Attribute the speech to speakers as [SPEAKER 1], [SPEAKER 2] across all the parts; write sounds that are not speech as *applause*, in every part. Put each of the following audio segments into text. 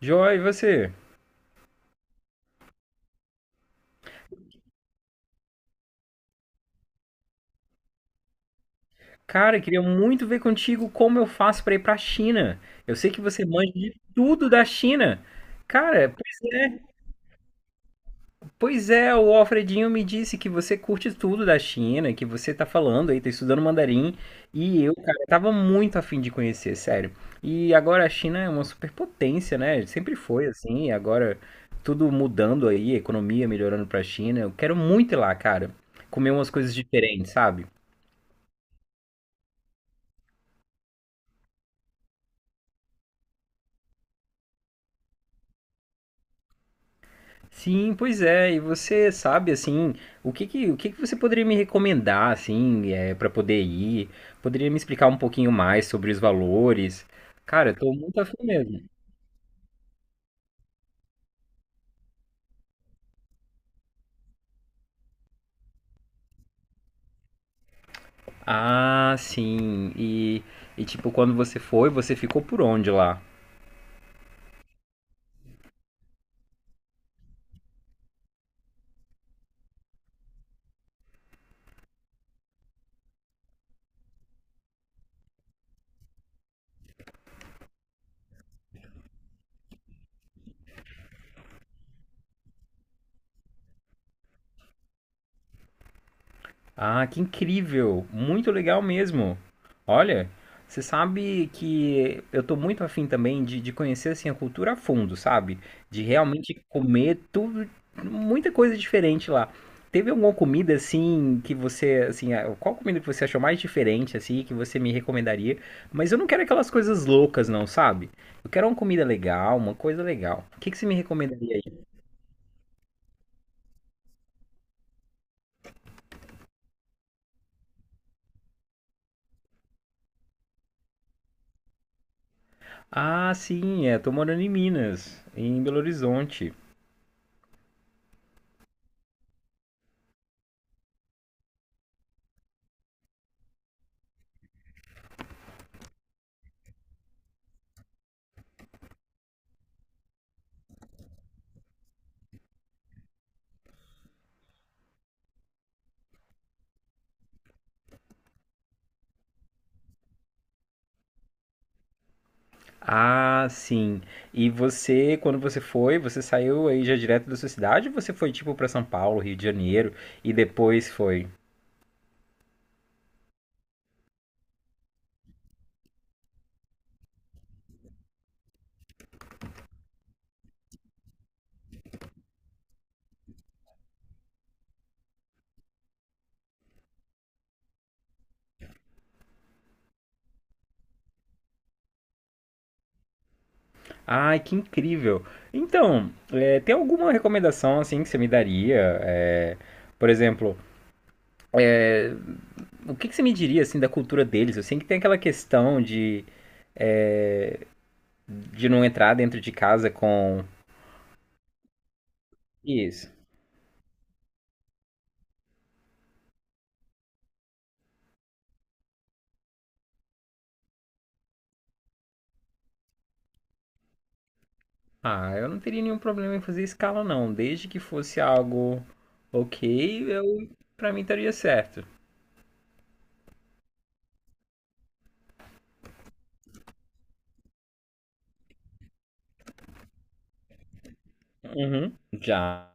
[SPEAKER 1] Joy, e você? Cara, eu queria muito ver contigo como eu faço pra ir pra China. Eu sei que você manja de tudo da China. Cara, pois é, o Alfredinho me disse que você curte tudo da China, que você tá falando aí, tá estudando mandarim, e eu, cara, tava muito afim de conhecer, sério. E agora a China é uma superpotência, né? Sempre foi assim, e agora tudo mudando aí, a economia melhorando pra China. Eu quero muito ir lá, cara, comer umas coisas diferentes, sabe? Sim, pois é. E você sabe assim, o que que você poderia me recomendar assim, para poder ir? Poderia me explicar um pouquinho mais sobre os valores? Cara, eu tô muito afim mesmo. Ah, sim. E tipo, quando você foi, você ficou por onde lá? Ah, que incrível! Muito legal mesmo. Olha, você sabe que eu tô muito afim também de conhecer assim a cultura a fundo, sabe? De realmente comer tudo, muita coisa diferente lá. Teve alguma comida assim que você, assim, ah, qual comida que você achou mais diferente assim que você me recomendaria? Mas eu não quero aquelas coisas loucas não, sabe? Eu quero uma comida legal, uma coisa legal. O que que você me recomendaria aí? Ah, sim, é, tô morando em Minas, em Belo Horizonte. Ah, sim. E você, quando você foi, você saiu aí já direto da sua cidade ou você foi tipo para São Paulo, Rio de Janeiro e depois foi? Ai, que incrível. Então, é, tem alguma recomendação assim que você me daria? É, por exemplo, é, o que que você me diria assim da cultura deles? Eu sei que tem aquela questão de não entrar dentro de casa com isso. Ah, eu não teria nenhum problema em fazer escala não, desde que fosse algo ok, eu para mim estaria certo. Uhum, já.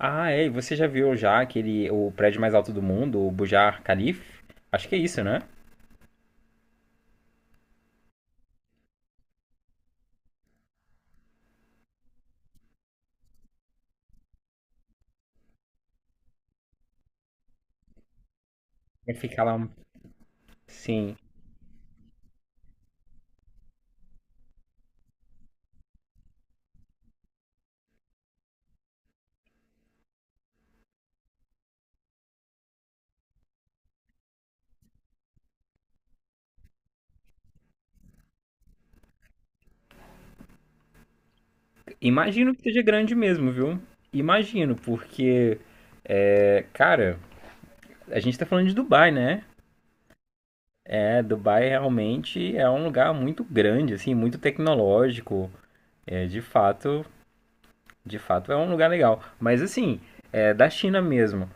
[SPEAKER 1] Ah, é, e você já viu já aquele, o prédio mais alto do mundo, o Burj Khalifa? Acho que é isso, né? Vai ficar lá, um- sim. Imagino que seja grande mesmo, viu? Imagino, porque, é, cara, a gente tá falando de Dubai, né? É, Dubai realmente é um lugar muito grande, assim, muito tecnológico. É, de fato é um lugar legal. Mas assim, é da China mesmo.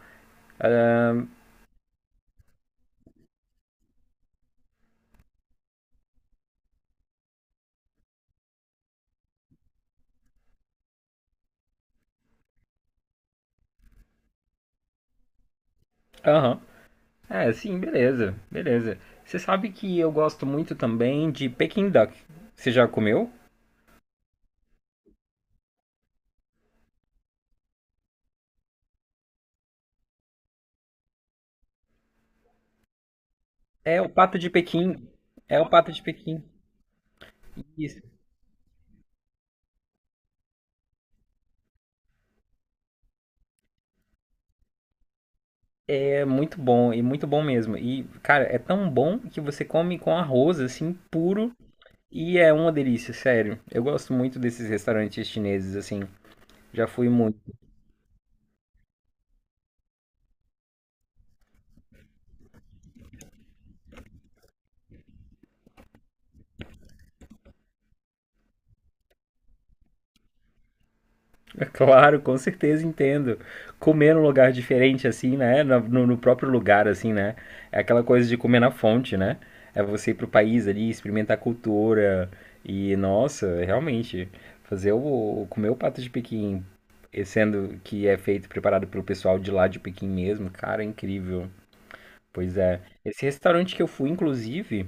[SPEAKER 1] Aham. É, sim, beleza, beleza. Você sabe que eu gosto muito também de Peking Duck. Você já comeu? É o pato de Pequim. É o pato de Pequim. Isso. É muito bom, e muito bom mesmo. E, cara, é tão bom que você come com arroz, assim, puro. E é uma delícia, sério. Eu gosto muito desses restaurantes chineses, assim. Já fui muito. *laughs* Claro, com certeza entendo. Comer num lugar diferente, assim, né? No próprio lugar, assim, né? É aquela coisa de comer na fonte, né? É você ir pro país ali, experimentar a cultura. E, nossa, realmente, comer o pato de Pequim, e sendo que é feito, preparado pelo pessoal de lá de Pequim mesmo, cara, é incrível. Pois é. Esse restaurante que eu fui, inclusive,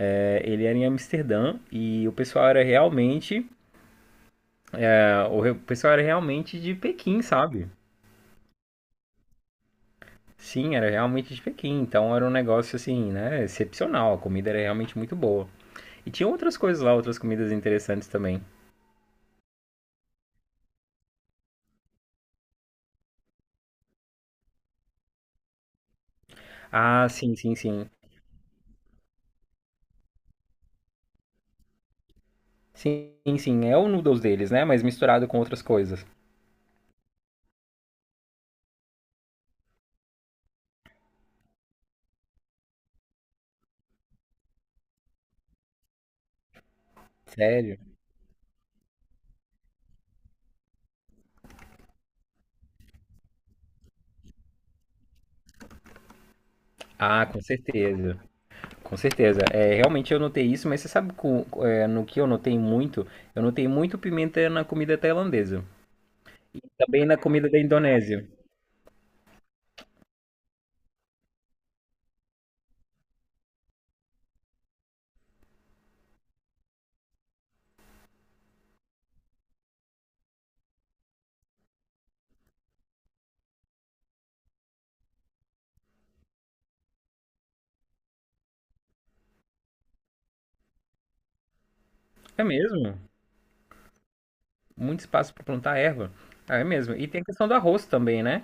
[SPEAKER 1] é, ele era em Amsterdã e o pessoal era realmente, o pessoal era realmente de Pequim, sabe? Sim, era realmente de Pequim, então era um negócio assim, né, excepcional. A comida era realmente muito boa. E tinha outras coisas lá, outras comidas interessantes também. Ah, sim, sim, sim. Sim, sim, é o noodles deles, né, mas misturado com outras coisas. Sério? Ah, com certeza. Com certeza. É, realmente eu notei isso, mas você sabe com- é, no que eu notei muito? Eu notei muito pimenta na comida tailandesa. Também na comida da Indonésia. É mesmo? Muito espaço para plantar erva. Ah, é mesmo. E tem a questão do arroz também, né?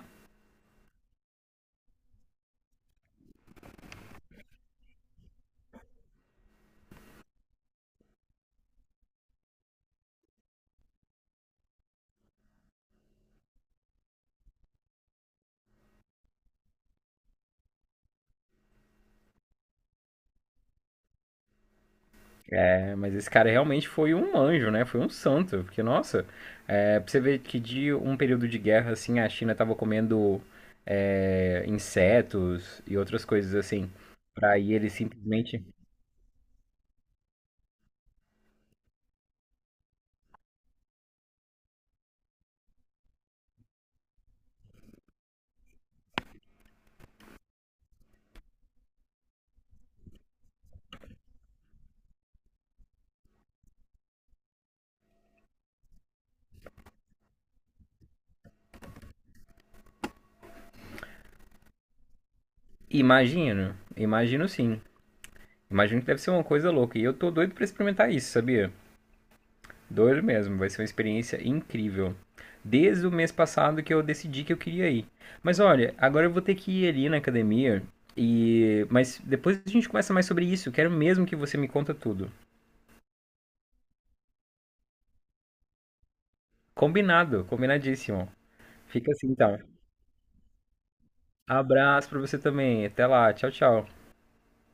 [SPEAKER 1] É, mas esse cara realmente foi um anjo, né? Foi um santo. Porque, nossa, é, pra você ver que de um período de guerra, assim, a China tava comendo insetos e outras coisas assim. Pra aí ele simplesmente. Imagino, imagino sim. Imagino que deve ser uma coisa louca. E eu tô doido pra experimentar isso, sabia? Doido mesmo, vai ser uma experiência incrível. Desde o mês passado que eu decidi que eu queria ir. Mas olha, agora eu vou ter que ir ali na academia e mas depois a gente conversa mais sobre isso. Quero mesmo que você me conta tudo. Combinado, combinadíssimo. Fica assim então. Abraço pra você também. Até lá. Tchau, tchau.